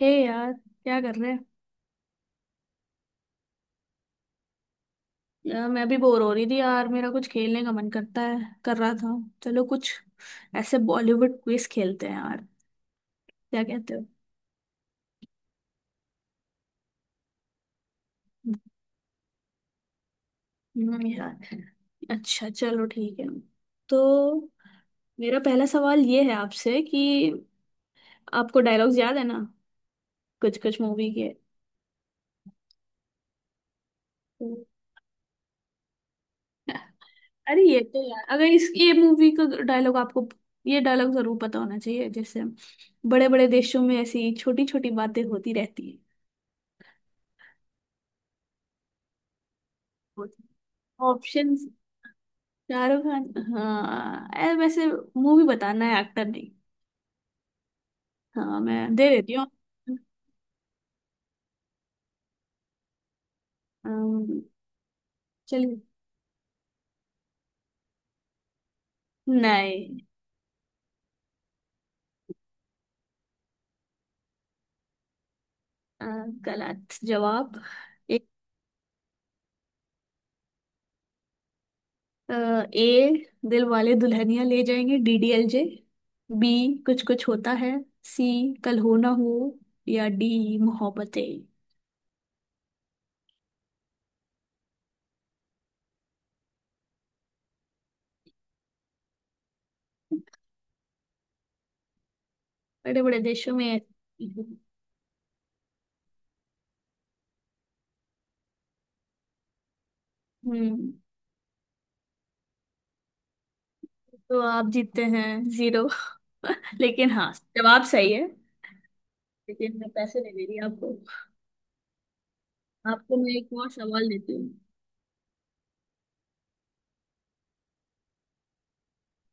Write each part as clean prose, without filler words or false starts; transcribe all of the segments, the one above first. हे यार, क्या कर रहे हैं? यार मैं भी बोर हो रही थी यार। मेरा कुछ खेलने का मन करता है। कर रहा था। चलो कुछ ऐसे बॉलीवुड क्विज खेलते हैं यार। क्या कहते हो? यार, अच्छा चलो ठीक है। तो मेरा पहला सवाल ये है आपसे कि आपको डायलॉग्स याद है ना, कुछ कुछ मूवी के। अरे ये तो यार, अगर इस ये मूवी का डायलॉग आपको, ये डायलॉग जरूर पता होना चाहिए। जैसे बड़े बड़े देशों में ऐसी छोटी छोटी बातें होती रहती। ऑप्शंस। शाहरुख खान। हाँ ऐ वैसे, मूवी बताना है एक्टर नहीं। हाँ मैं दे देती हूँ। अम्म, चलिए। नहीं। अ, गलत जवाब। एक, ए दिल वाले दुल्हनिया ले जाएंगे डीडीएलजे। बी, कुछ कुछ होता है। सी, कल हो ना हो। या डी, मोहब्बतें। बड़े बड़े देशों में। हम्म। तो आप जीतते हैं जीरो। लेकिन हाँ, जवाब सही है। लेकिन मैं पैसे नहीं दे रही आपको। आपको मैं एक और सवाल देती हूँ।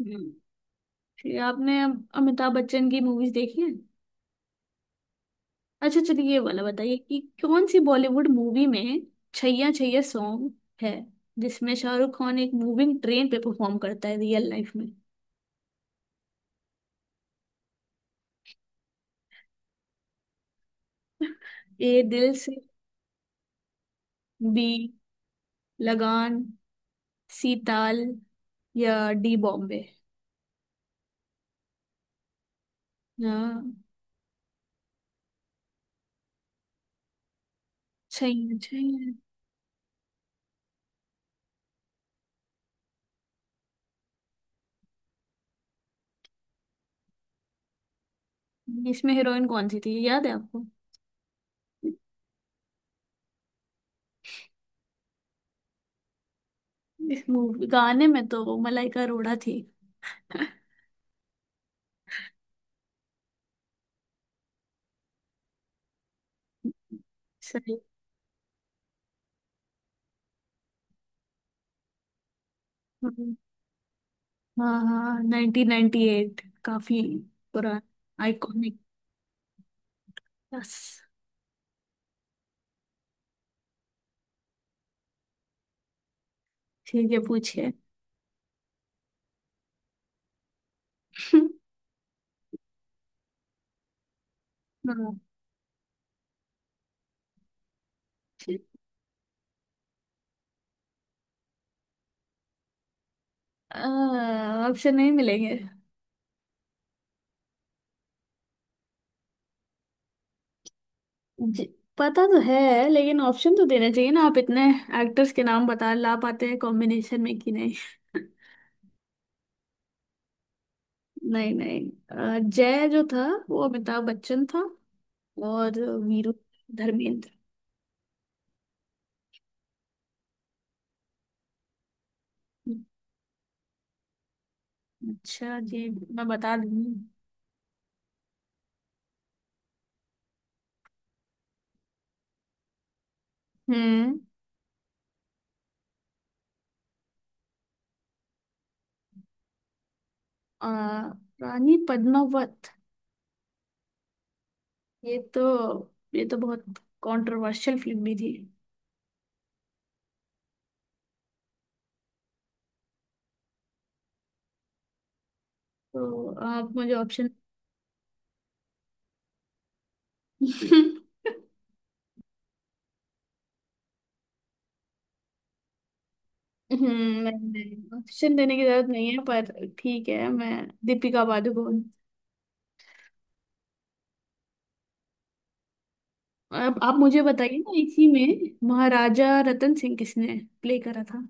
हम्म, कि आपने अमिताभ बच्चन की मूवीज देखी हैं। अच्छा चलिए, ये वाला बताइए कि कौन सी बॉलीवुड मूवी में छैया छैया सॉन्ग है, जिसमें शाहरुख खान एक मूविंग ट्रेन पे परफॉर्म करता है रियल लाइफ में। ए, दिल से। बी, लगान। सी, ताल। या डी, बॉम्बे। हाँ, छैया छैया। इसमें हीरोइन कौन सी थी, याद है आपको? इस मूवी गाने में तो मलाइका अरोड़ा थी। सही। हम्म, हाँ हाँ, 1998, काफी पुराना, आइकॉनिक। बस। ठीक है पूछिए। हाँ। ठीक। ऑप्शन नहीं मिलेंगे। जी, पता तो है लेकिन ऑप्शन तो देना चाहिए ना, आप इतने एक्टर्स के नाम बता ला पाते हैं कॉम्बिनेशन में कि नहीं। नहीं नहीं, जय जो था वो अमिताभ बच्चन था, और वीरू धर्मेंद्र। हम्म, अच्छा जी। मैं बता दूंगी। हम्म। आ, रानी पद्मावत। ये तो ये तो बहुत कंट्रोवर्शियल फिल्म भी थी। तो आप मुझे ऑप्शन। नहीं, ऑप्शन देने की जरूरत नहीं है पर ठीक है मैं। दीपिका पादुकोण। अब आप मुझे बताइए ना, इसी में महाराजा रतन सिंह किसने प्ले करा था?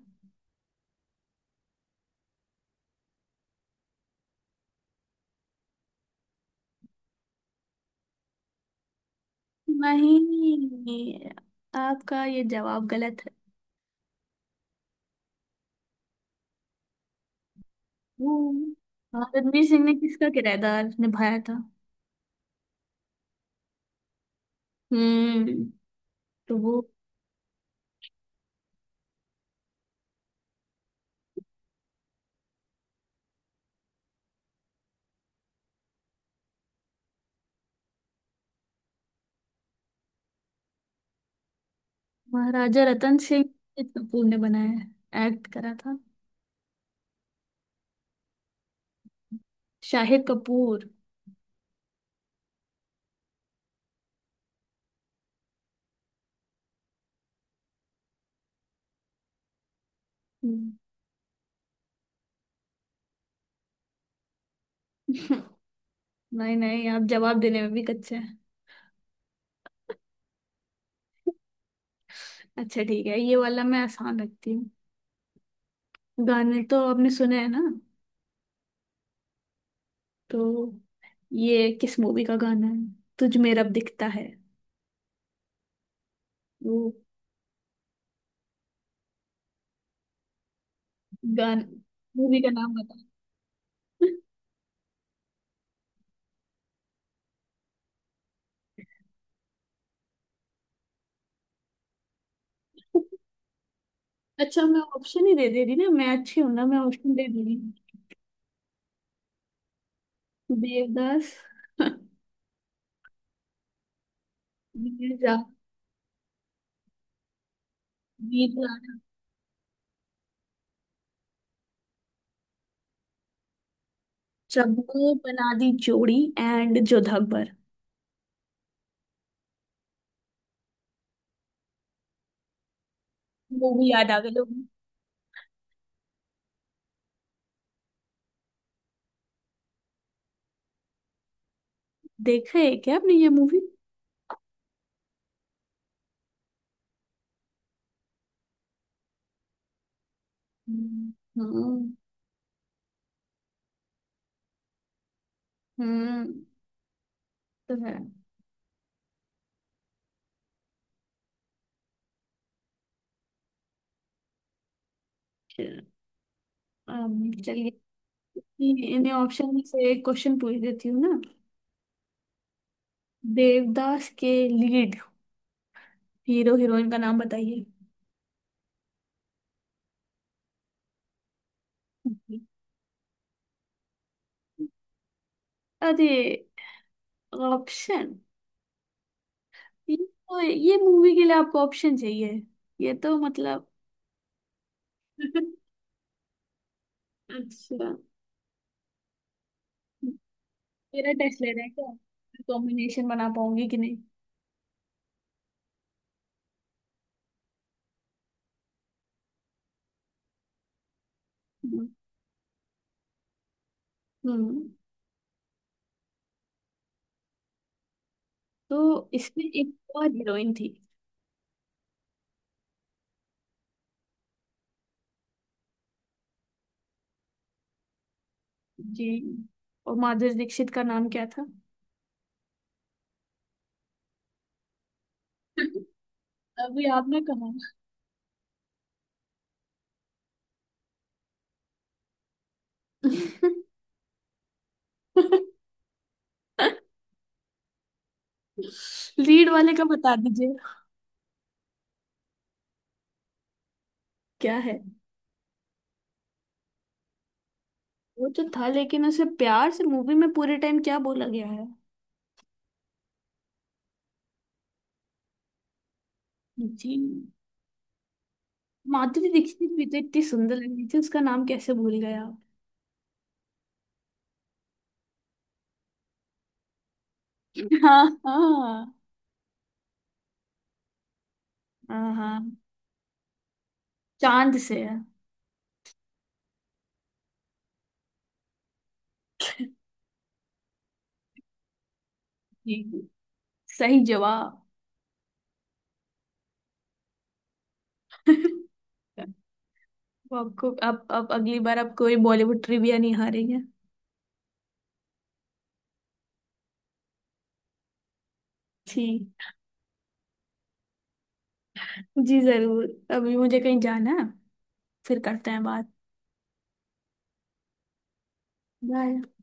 नहीं, आपका ये जवाब गलत है। वो। हाँ, रणवीर सिंह ने किसका किरदार निभाया था? हम्म। तो वो महाराजा रतन सिंह शाहिद कपूर ने बनाया है, एक्ट करा था। शाहिद कपूर। हम्म। नहीं नहीं, आप जवाब देने में भी कच्चे हैं। अच्छा ठीक है, ये वाला मैं आसान रखती हूँ। गाने तो आपने सुने हैं ना? तो ये किस मूवी का गाना है? तुझ में रब दिखता है वो। गान। मूवी का नाम बता। अच्छा मैं ऑप्शन ही दे दे रही ना, मैं अच्छी हूं ना, मैं ऑप्शन दे दे रही हूँ। देवदास। वीर जा। वीर। चबू बना दी जोड़ी एंड जोधा अकबर। मूवी याद आ गई लोग। देखा है क्या आपने ये मूवी? हम्म। हम्म, तो है। चलिए, इन्हें ऑप्शन में से एक क्वेश्चन पूछ देती हूँ ना। देवदास के लीड हीरो हीरोइन का नाम बताइए। हम्म। अरे, ऑप्शन? ये तो, ये मूवी के लिए आपको ऑप्शन चाहिए? ये तो मतलब। अच्छा, मेरा टेस्ट ले रहे हैं क्या, कॉम्बिनेशन बना पाऊंगी कि नहीं? हम्म। हम्म, तो इसमें एक और हीरोइन थी। जी। और माधुरी दीक्षित का नाम क्या था? अभी आपने कहा। लीड वाले का बता दीजिए। क्या है? वो तो था, लेकिन उसे प्यार से मूवी में पूरे टाइम क्या बोला गया है? जी। माधुरी दीक्षित भी तो इतनी सुंदर लग रही थी, उसका नाम कैसे भूल गया आप? हाँ हाँ। हाँ हाँ। चांद से है। जी जी, सही जवाब। वो आपको अब अगली बार आप कोई बॉलीवुड ट्रिविया नहीं हारेंगे। ठीक। जी जरूर। अभी मुझे कहीं जाना है। फिर करते हैं बात। बाय।